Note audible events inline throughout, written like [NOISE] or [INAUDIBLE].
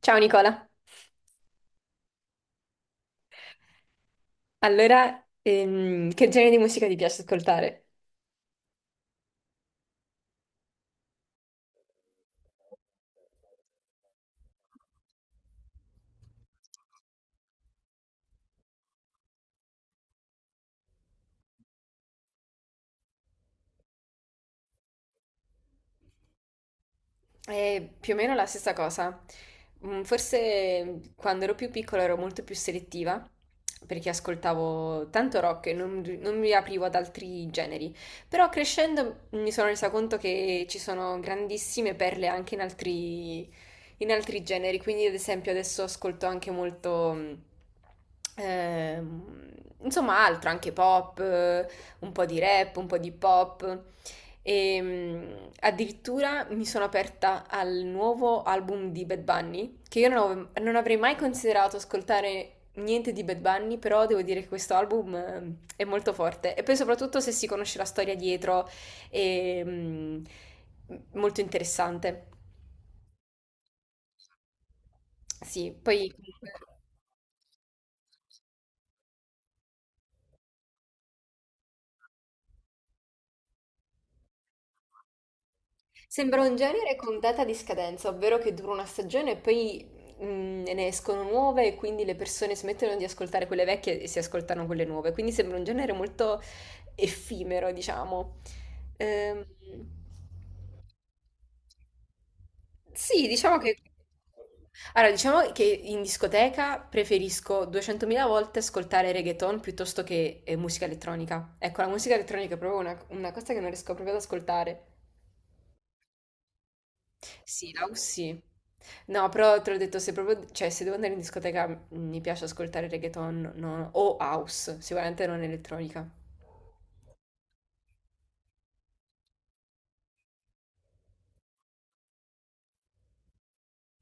Ciao Nicola, che genere di musica ti piace ascoltare? È più o meno la stessa cosa. Mm, forse quando ero più piccola ero molto più selettiva perché ascoltavo tanto rock e non mi aprivo ad altri generi. Però crescendo mi sono resa conto che ci sono grandissime perle anche in altri generi. Quindi, ad esempio, adesso ascolto anche molto. ehm, Altro, anche pop, un po' di rap, un po' di pop. E addirittura mi sono aperta al nuovo album di Bad Bunny, che io non, avevo- non avrei mai considerato ascoltare niente di Bad Bunny, però devo dire che questo album è molto forte. E poi soprattutto se si conosce la storia dietro, è molto interessante. Sì, poi comunque. Sembra un genere con data di scadenza, ovvero che dura una stagione e poi. Ne escono nuove e quindi le persone smettono di ascoltare quelle vecchie e si ascoltano quelle nuove. Quindi sembra un genere molto effimero, diciamo. Ehm, sì, diciamo che... Allora, diciamo che in discoteca preferisco 200.000 volte ascoltare reggaeton piuttosto che musica elettronica. Ecco, la musica elettronica è proprio una cosa che non riesco proprio ad ascoltare. Sì, Laus sì. No, però te l'ho detto, se proprio, cioè, se devo andare in discoteca mi piace ascoltare reggaeton no, o house, sicuramente non elettronica.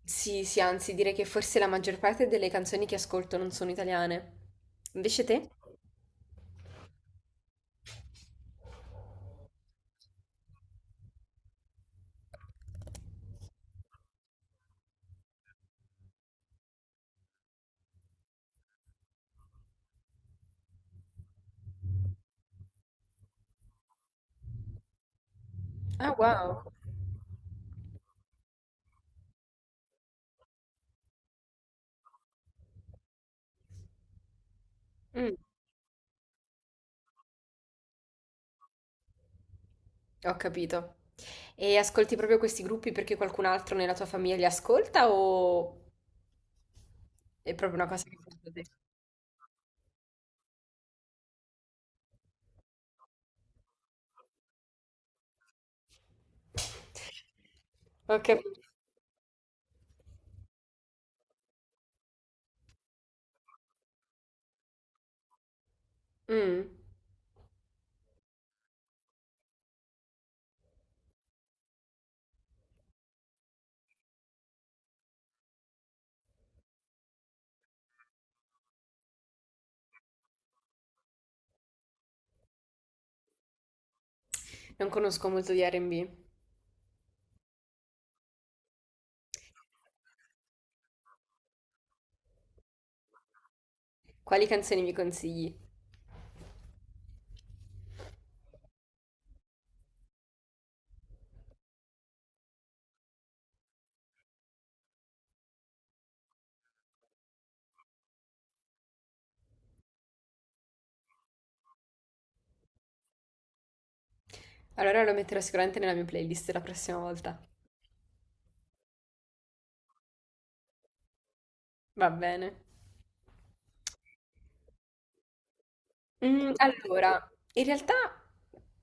Sì, sì, anzi, direi che forse la maggior parte delle canzoni che ascolto non sono italiane. Invece te? Ah, wow. Mm, ho capito. E ascolti proprio questi gruppi perché qualcun altro nella tua famiglia li ascolta o è proprio una cosa che fai da te? Ho capito. Mm. Non conosco molto di R&B. Quali canzoni mi consigli? Allora lo metterò sicuramente nella mia playlist la prossima volta. Va bene. Mm, allora, in realtà,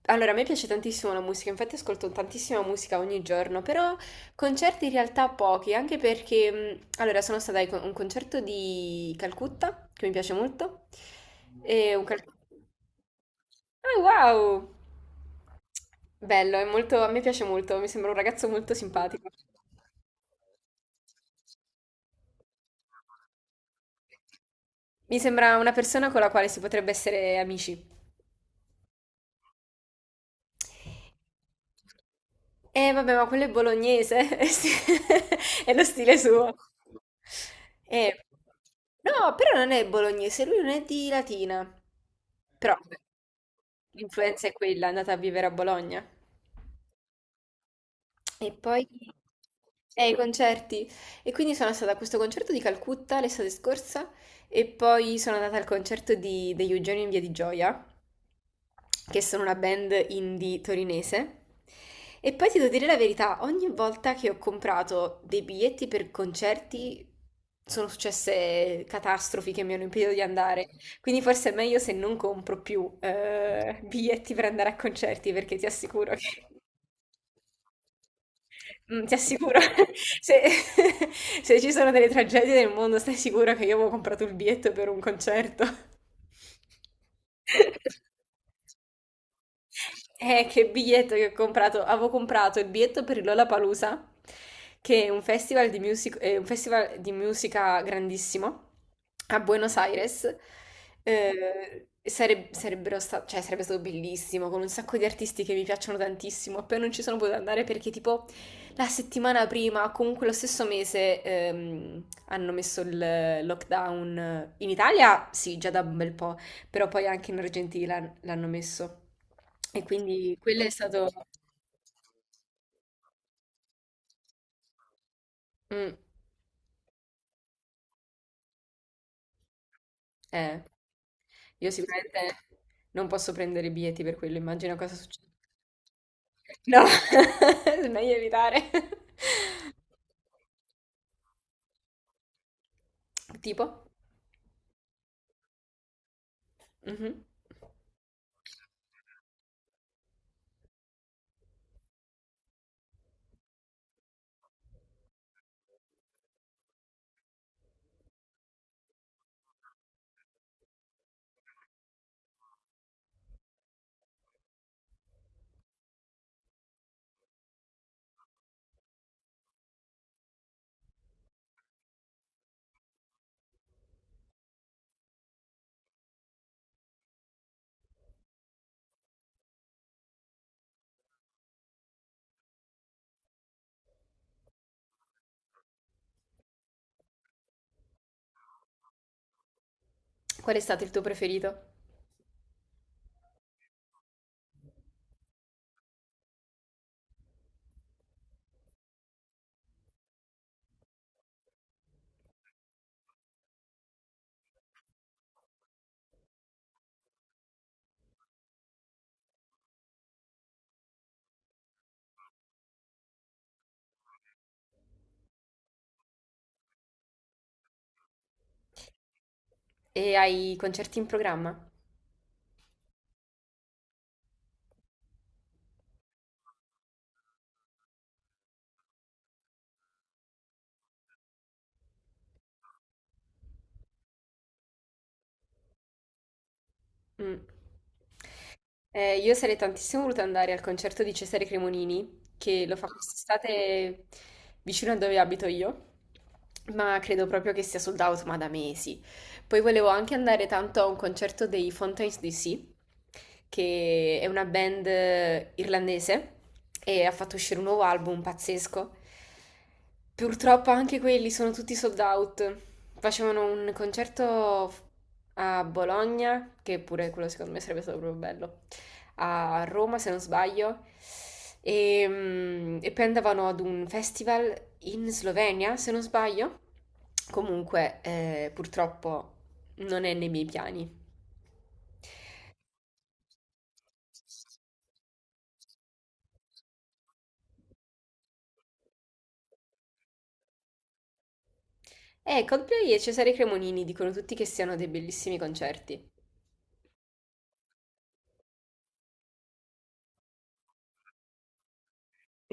allora, a me piace tantissimo la musica, infatti ascolto tantissima musica ogni giorno, però concerti in realtà pochi, anche perché, mm, allora, sono stata a un concerto di Calcutta, che mi piace molto, e un cal- Ah, wow! Bello, è molto, a me piace molto, mi sembra un ragazzo molto simpatico. Mi sembra una persona con la quale si potrebbe essere amici. Eh vabbè, ma quello è bolognese, [LAUGHS] è sti- [LAUGHS] è lo stile suo. Eh, no, però non è bolognese, lui non è di Latina. Però vabbè, l'influenza è quella, è andata a vivere a Bologna. E poi i concerti. E quindi sono stata a questo concerto di Calcutta l'estate scorsa e poi sono andata al concerto di- degli Eugenio in Via di Gioia, che sono una band indie torinese. E poi ti devo dire la verità, ogni volta che ho comprato dei biglietti per concerti sono successe catastrofi che mi hanno impedito di andare. Quindi forse è meglio se non compro più biglietti per andare a concerti, perché ti assicuro che... Mm, ti assicuro, [LAUGHS] se, [LAUGHS] se ci sono delle tragedie nel mondo, stai sicuro che io avevo comprato il biglietto per un concerto? [LAUGHS] Che biglietto che ho comprato. Avevo comprato il biglietto per il Lollapalooza, che è un festival di music- è un festival di musica grandissimo a Buenos Aires. Sareb- sarebbero sta- cioè, sarebbe stato bellissimo, con un sacco di artisti che mi piacciono tantissimo. Poi non ci sono potuta andare perché tipo la settimana prima, o comunque lo stesso mese, hanno messo il lockdown. In Italia, sì, già da un bel po', però poi anche in Argentina l'hanno messo. E quindi quello è stato... Mm, eh, io sicuramente non posso prendere i biglietti per quello, immagino cosa succede. No, [LAUGHS] è meglio evitare. Tipo? Mhm. Qual è stato il tuo preferito? E hai concerti in programma? Mm. Io sarei tantissimo voluta andare al concerto di Cesare Cremonini, che lo fa quest'estate vicino a dove abito io, ma credo proprio che sia sold out, ma da mesi. Poi volevo anche andare tanto a un concerto dei Fountains DC, che è una band irlandese e ha fatto uscire un nuovo album pazzesco. Purtroppo anche quelli sono tutti sold out. Facevano un concerto a Bologna, che pure quello secondo me sarebbe stato proprio bello a Roma, se non sbaglio, e, mm, e poi andavano ad un festival in Slovenia, se non sbaglio. Comunque, purtroppo non è nei miei piani. Coldplay e Cesare Cremonini dicono tutti che siano dei bellissimi concerti.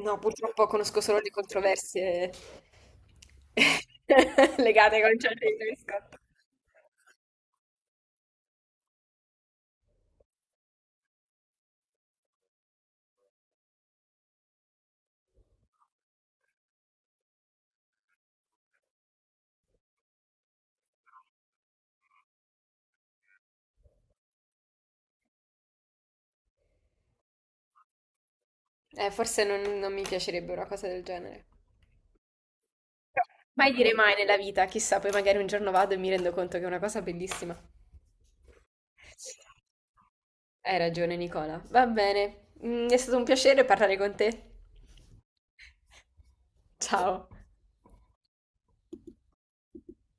No, purtroppo conosco solo le controversie [LAUGHS] legate ai concerti di Travis Scott. Forse non non mi piacerebbe una cosa del genere. Mai dire mai nella vita, chissà, poi magari un giorno vado e mi rendo conto che è una cosa bellissima. Hai ragione, Nicola. Va bene. Mm, è stato un piacere parlare con te. Ciao.